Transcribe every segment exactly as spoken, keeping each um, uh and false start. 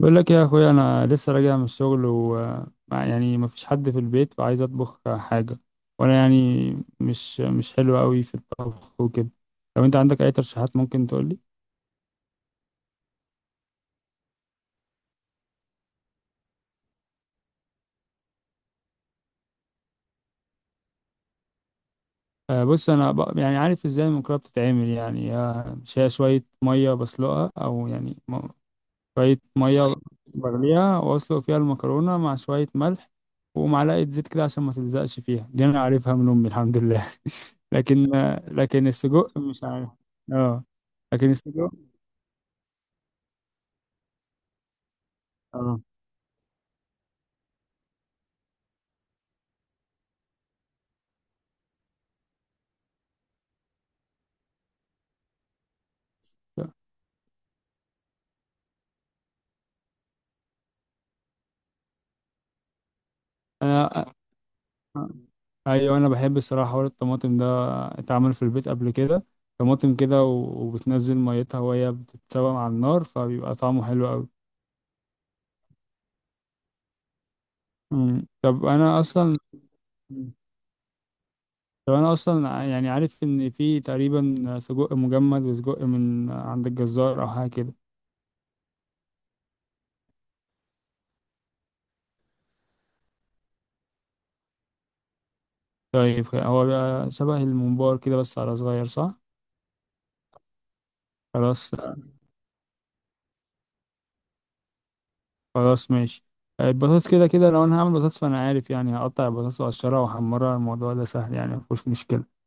بقول لك يا اخويا، انا لسه راجع من الشغل و مع- يعني مفيش حد في البيت وعايز اطبخ حاجه، وانا يعني مش مش حلو قوي في الطبخ وكده. لو انت عندك اي ترشيحات ممكن تقول لي. آه، بص، انا بق- يعني عارف ازاي المكرونه بتتعمل، يعني آه، مش هي شويه ميه بسلقها، او يعني م- شويه ميه بغليها واسلق فيها المكرونه مع شويه ملح ومعلقه زيت كده عشان ما تلزقش فيها. دي انا عارفها من امي الحمد لله. لكن لكن السجق مش عارف. اه. لكن السجق. اه. انا. ايوه، انا بحب الصراحه حوار الطماطم ده، اتعمل في البيت قبل كده. طماطم كده و- وبتنزل ميتها وهي بتتسوى على النار فبيبقى طعمه حلو قوي. مم. طب انا اصلا. طب انا اصلا ع- يعني عارف ان في تقريبا سجق مجمد وسجق من عند الجزار او حاجه كده. طيب، هو بقى شبه الممبار كده بس على صغير، صح؟ خلاص. خلاص، ماشي. آه، البطاطس كده كده لو انا هعمل بطاطس، فانا عارف يعني هقطع البطاطس واقشرها واحمرها، الموضوع ده سهل، يعني مفيش مشكله.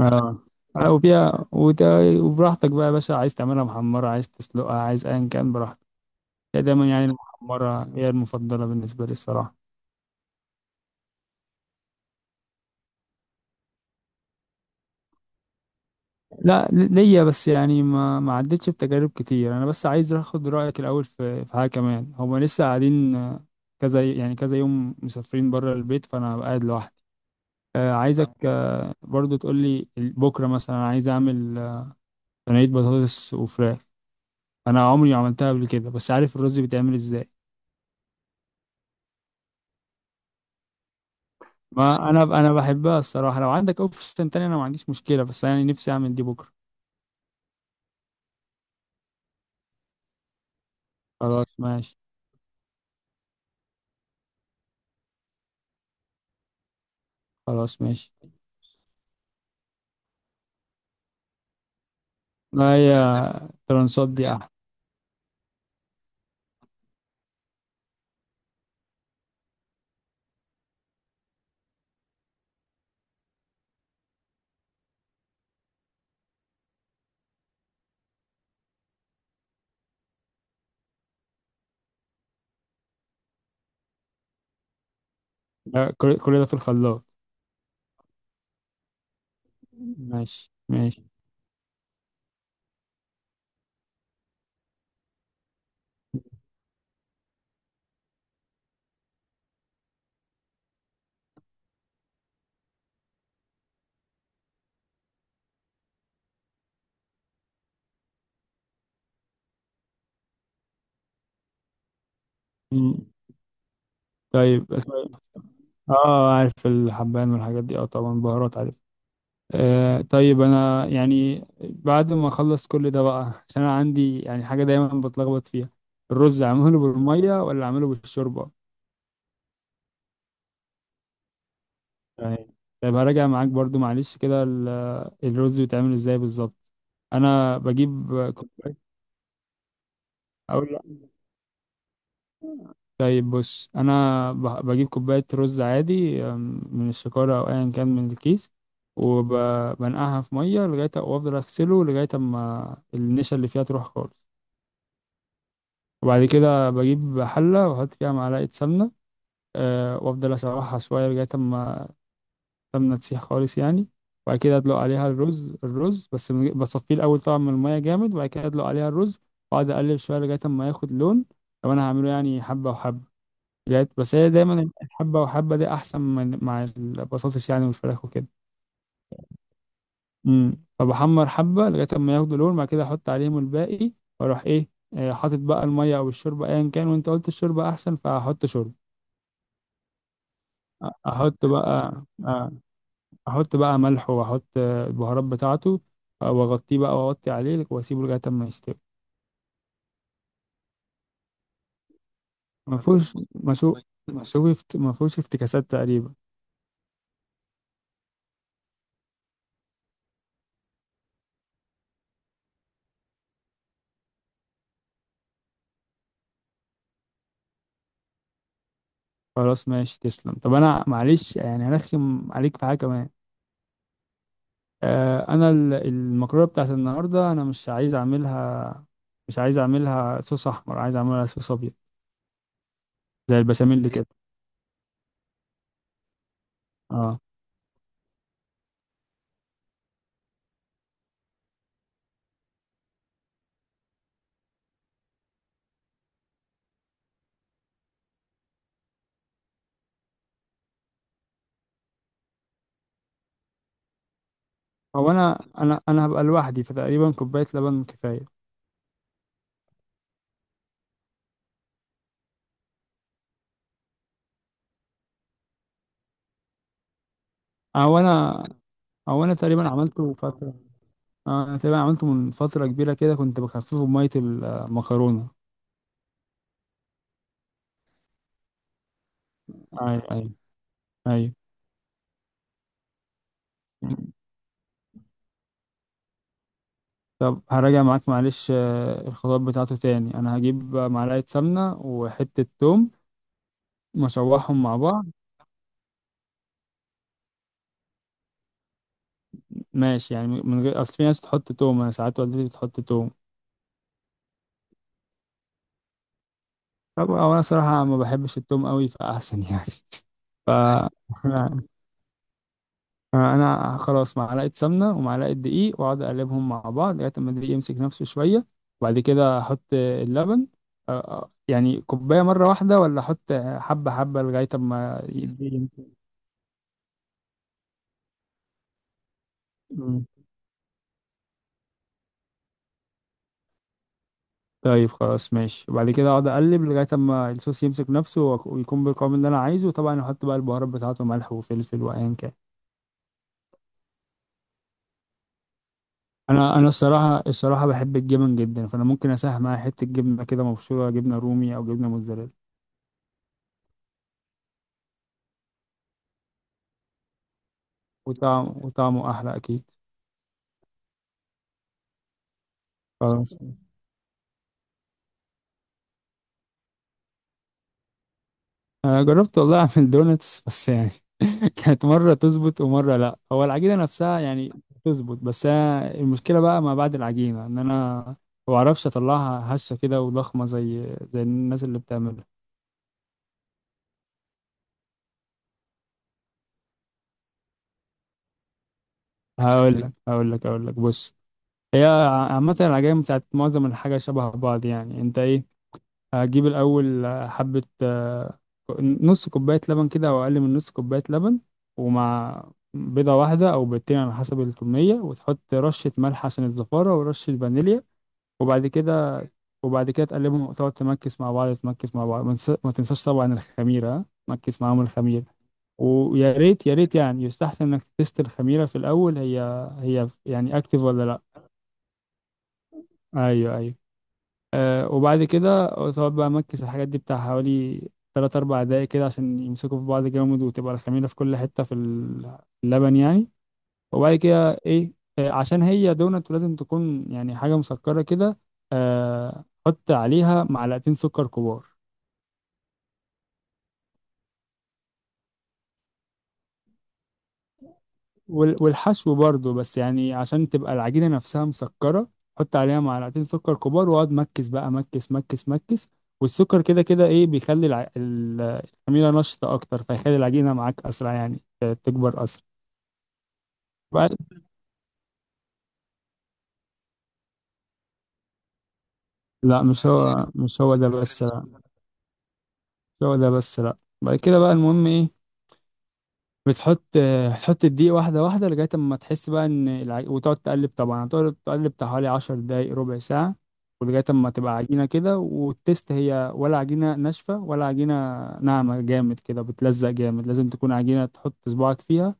اه. آه، وفيها وت- وبراحتك بقى يا باشا، عايز تعملها محمره، عايز تسلقها، عايز ايا كان براحتك. هي دايما يعني المحمره هي المفضله بالنسبه لي الصراحه. لا، ل- ليا بس يعني ما ما عدتش بتجارب كتير. انا بس عايز اخد رايك الاول في في حاجه كمان. هما لسه قاعدين، آه، كذا يعني كذا يوم مسافرين بره البيت، فانا قاعد لوحدي. آه، عايزك برضو تقول لي بكره مثلا، انا عايز اعمل صينيه بطاطس وفراخ. انا عمري ما عملتها قبل كده، بس عارف الرز بيتعمل ازاي. ما انا انا بحبها الصراحه، لو عندك اوبشن تاني انا ما عنديش مشكله، بس انا نفسي اعمل دي بكره. خلاص، ماشي. خلاص، ماشي. ما هي ترانسات دي احلى. لا، كل كل ده في الخلاط. ماشي، ماشي. مم. طيب، طيب. اه، عارف الحبان والحاجات دي، اه طبعا بهارات عارف. آه طيب، انا يعني بعد ما اخلص كل ده بقى، عشان انا عندي يعني حاجه دايما بتلخبط فيها: الرز اعمله بالميه ولا اعمله بالشوربه؟ تمام. طيب، هراجع معاك برضو معلش كده، ال- الرز بيتعمل ازاي بالظبط؟ انا بجيب كوبايه اقول لأ. طيب، بص، انا ب- بجيب كوبايه رز عادي، أم، من الشكاره او ايا كان من الكيس، وبنقعها في ميه لغايه، وافضل اغسله لغايه اما النشا اللي فيها تروح خالص. وبعد كده بجيب حلة وأحط فيها معلقة سمنة، أه وأفضل أسوحها شوية لغاية أما السمنة تسيح خالص يعني. وبعد كده أدلق عليها الرز. الرز بس من- بصفيه الأول طبعا من المية جامد، وبعد كده أدلق عليها الرز وأقعد أقلب شوية لغاية أما ياخد لون، لو أنا هعمله يعني حبة وحبة. لغاية بس هي دايما الحبة وحبة دي أحسن من مع البطاطس يعني والفراخ وكده. امم. فبحمر حبة لغاية أما ياخدوا لون، بعد كده أحط عليهم الباقي، وأروح إيه آه، حاطط بقى المية أو الشوربة أيا كان، وأنت قلت الشوربة أحسن فهحط شوربة. احط بقى آه، احط بقى ملح واحط البهارات بتاعته، آه، واغطيه بقى واغطي عليه واسيبه لغايه اما يستوي. ما فيهوش مسوق، مسوق ما فيهوش افتكاسات تقريبا. خلاص، ماشي، تسلم. طب انا معلش يعني هرخم عليك في حاجه كمان. آه، انا ال- المكرونه بتاعت النهارده انا مش عايز اعملها، مش عايز اعملها صوص احمر، عايز اعملها صوص ابيض. زي البشاميل كده؟ اه. هو انا انا انا هبقى لوحدي فتقريبا كوبايه لبن كفايه. او انا هو انا تقريبا عملته فتره. آه، انا تقريبا عملته من فتره كبيره كده، كنت بخففه بميه المكرونه. ايوه، ايوه، ايوه. طب هراجع معاك معلش، آه، الخطوات بتاعته تاني. انا هجيب معلقه سمنه وحته توم واشوحهم مع بعض. ماشي يعني، من غير. اصل في ناس بتحط توم، انا ساعات والدتي بتحط توم. طب هو انا صراحه ما بحبش التوم قوي، فاحسن يعني. ف آه، انا خلاص معلقه سمنه ومعلقه دقيق، واقعد اقلبهم مع بعض لغايه ما الدقيق يمسك نفسه شويه، وبعد كده احط اللبن. آه، آه، يعني كوبايه مره واحده، ولا احط حبه حبه لغايه ما الدقيق يمسك؟ مم. طيب، خلاص، ماشي. وبعد كده اقعد اقلب لغايه ما الصوص يمسك نفسه وك- ويكون بالقوام اللي انا عايزه، وطبعا احط بقى البهارات بتاعته ملح وفلفل وايا كان. انا انا الصراحه الصراحه بحب الجبن جدا، فانا ممكن اساهم معايا حته جبنه كده مبشوره، جبنه رومي او جبنه موتزاريلا. وطعم وطعمه احلى اكيد. خلاص. انا جربت والله اعمل دونتس، بس يعني كانت مره تظبط ومره لا. هو العجينه نفسها يعني تظبط، بس أنا المشكله بقى ما بعد العجينه ان انا ما بعرفش اطلعها هشه كده وضخمه زي زي الناس اللي بتعملها. هقول لك هقول لك هقول لك بص. هي ع- عامه العجائن بتاعت معظم الحاجه شبه بعض يعني، انت ايه. هجيب الأول حبة، آه، نص كوباية لبن كده أو أقل من نص كوباية لبن، ومع بيضة واحدة أو بيضتين على حسب الكمية، وتحط رشة ملح عشان الزفارة ورشة فانيليا. وبعد كده. وبعد كده تقلبهم وتقعد تمكس مع بعض، تمكس مع بعض ما تنس- ما تنساش طبعا الخميرة، ها؟ تمكس معاهم الخميرة. ويا ريت، يا ريت يعني يستحسن إنك تست الخميرة في الأول، هي هي يعني أكتف ولا لأ. أيوه، أيوه. آه، وبعد كده تقعد بقى مكس الحاجات دي بتاع حوالي تلات أربع دقايق كده، عشان يمسكوا في بعض جامد وتبقى الخميرة في كل حتة في ال- اللبن يعني. وبعد كده إيه، آه، عشان هي دونت لازم تكون يعني حاجة مسكرة كده، آه، حط عليها معلقتين سكر كبار. وال- والحشو برضو، بس يعني عشان تبقى العجينة نفسها مسكرة حط عليها معلقتين سكر كبار، واقعد مكس بقى، مكس مكس مكس. والسكر كده كده ايه بيخلي الع... ال- الخميرة نشطة اكتر، فيخلي العجينة معاك اسرع يعني ت- تكبر اسرع. بعد... لا، مش هو مش هو ده بس، لا، مش هو ده بس، لا. بعد كده بقى المهم ايه، بتحط تحط الدقيق واحدة واحدة لغاية اما تحس بقى ان العج... وتقعد تقلب طبعا، هتقعد تقلب بتاع حوالي عشر دقايق ربع ساعة، ولغاية اما تبقى عجينة كده، والتست هي ولا عجينة ناشفة ولا عجينة ناعمة جامد كده بتلزق جامد. لازم تكون عجينة تحط صباعك فيها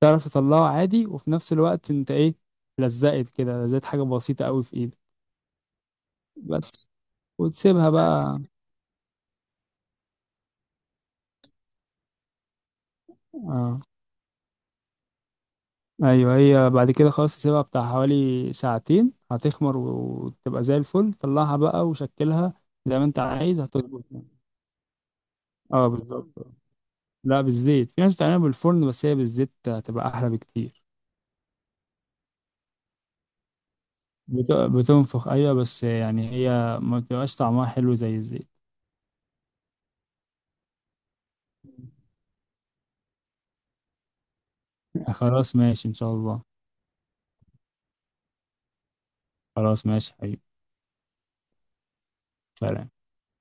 تعرف تطلعه عادي، وفي نفس الوقت انت ايه، لزقت كده، لزقت حاجة بسيطة قوي في ايدك بس. وتسيبها بقى. اه، ايوه، هي بعد كده خلاص تسيبها بتاع حوالي ساعتين هتخمر وتبقى زي الفل، طلعها بقى وشكلها زي ما انت عايز هتظبط يعني. اه، بالظبط. لا، بالزيت، في ناس بتعملها بالفرن، بس هي بالزيت هتبقى احلى بكتير. بت- بتنفخ، ايوه، بس يعني هي ما بتبقاش طعمها حلو زي الزيت. خلاص، ماشي، ان شاء الله. خلاص، ماشي حبيبي. سلام.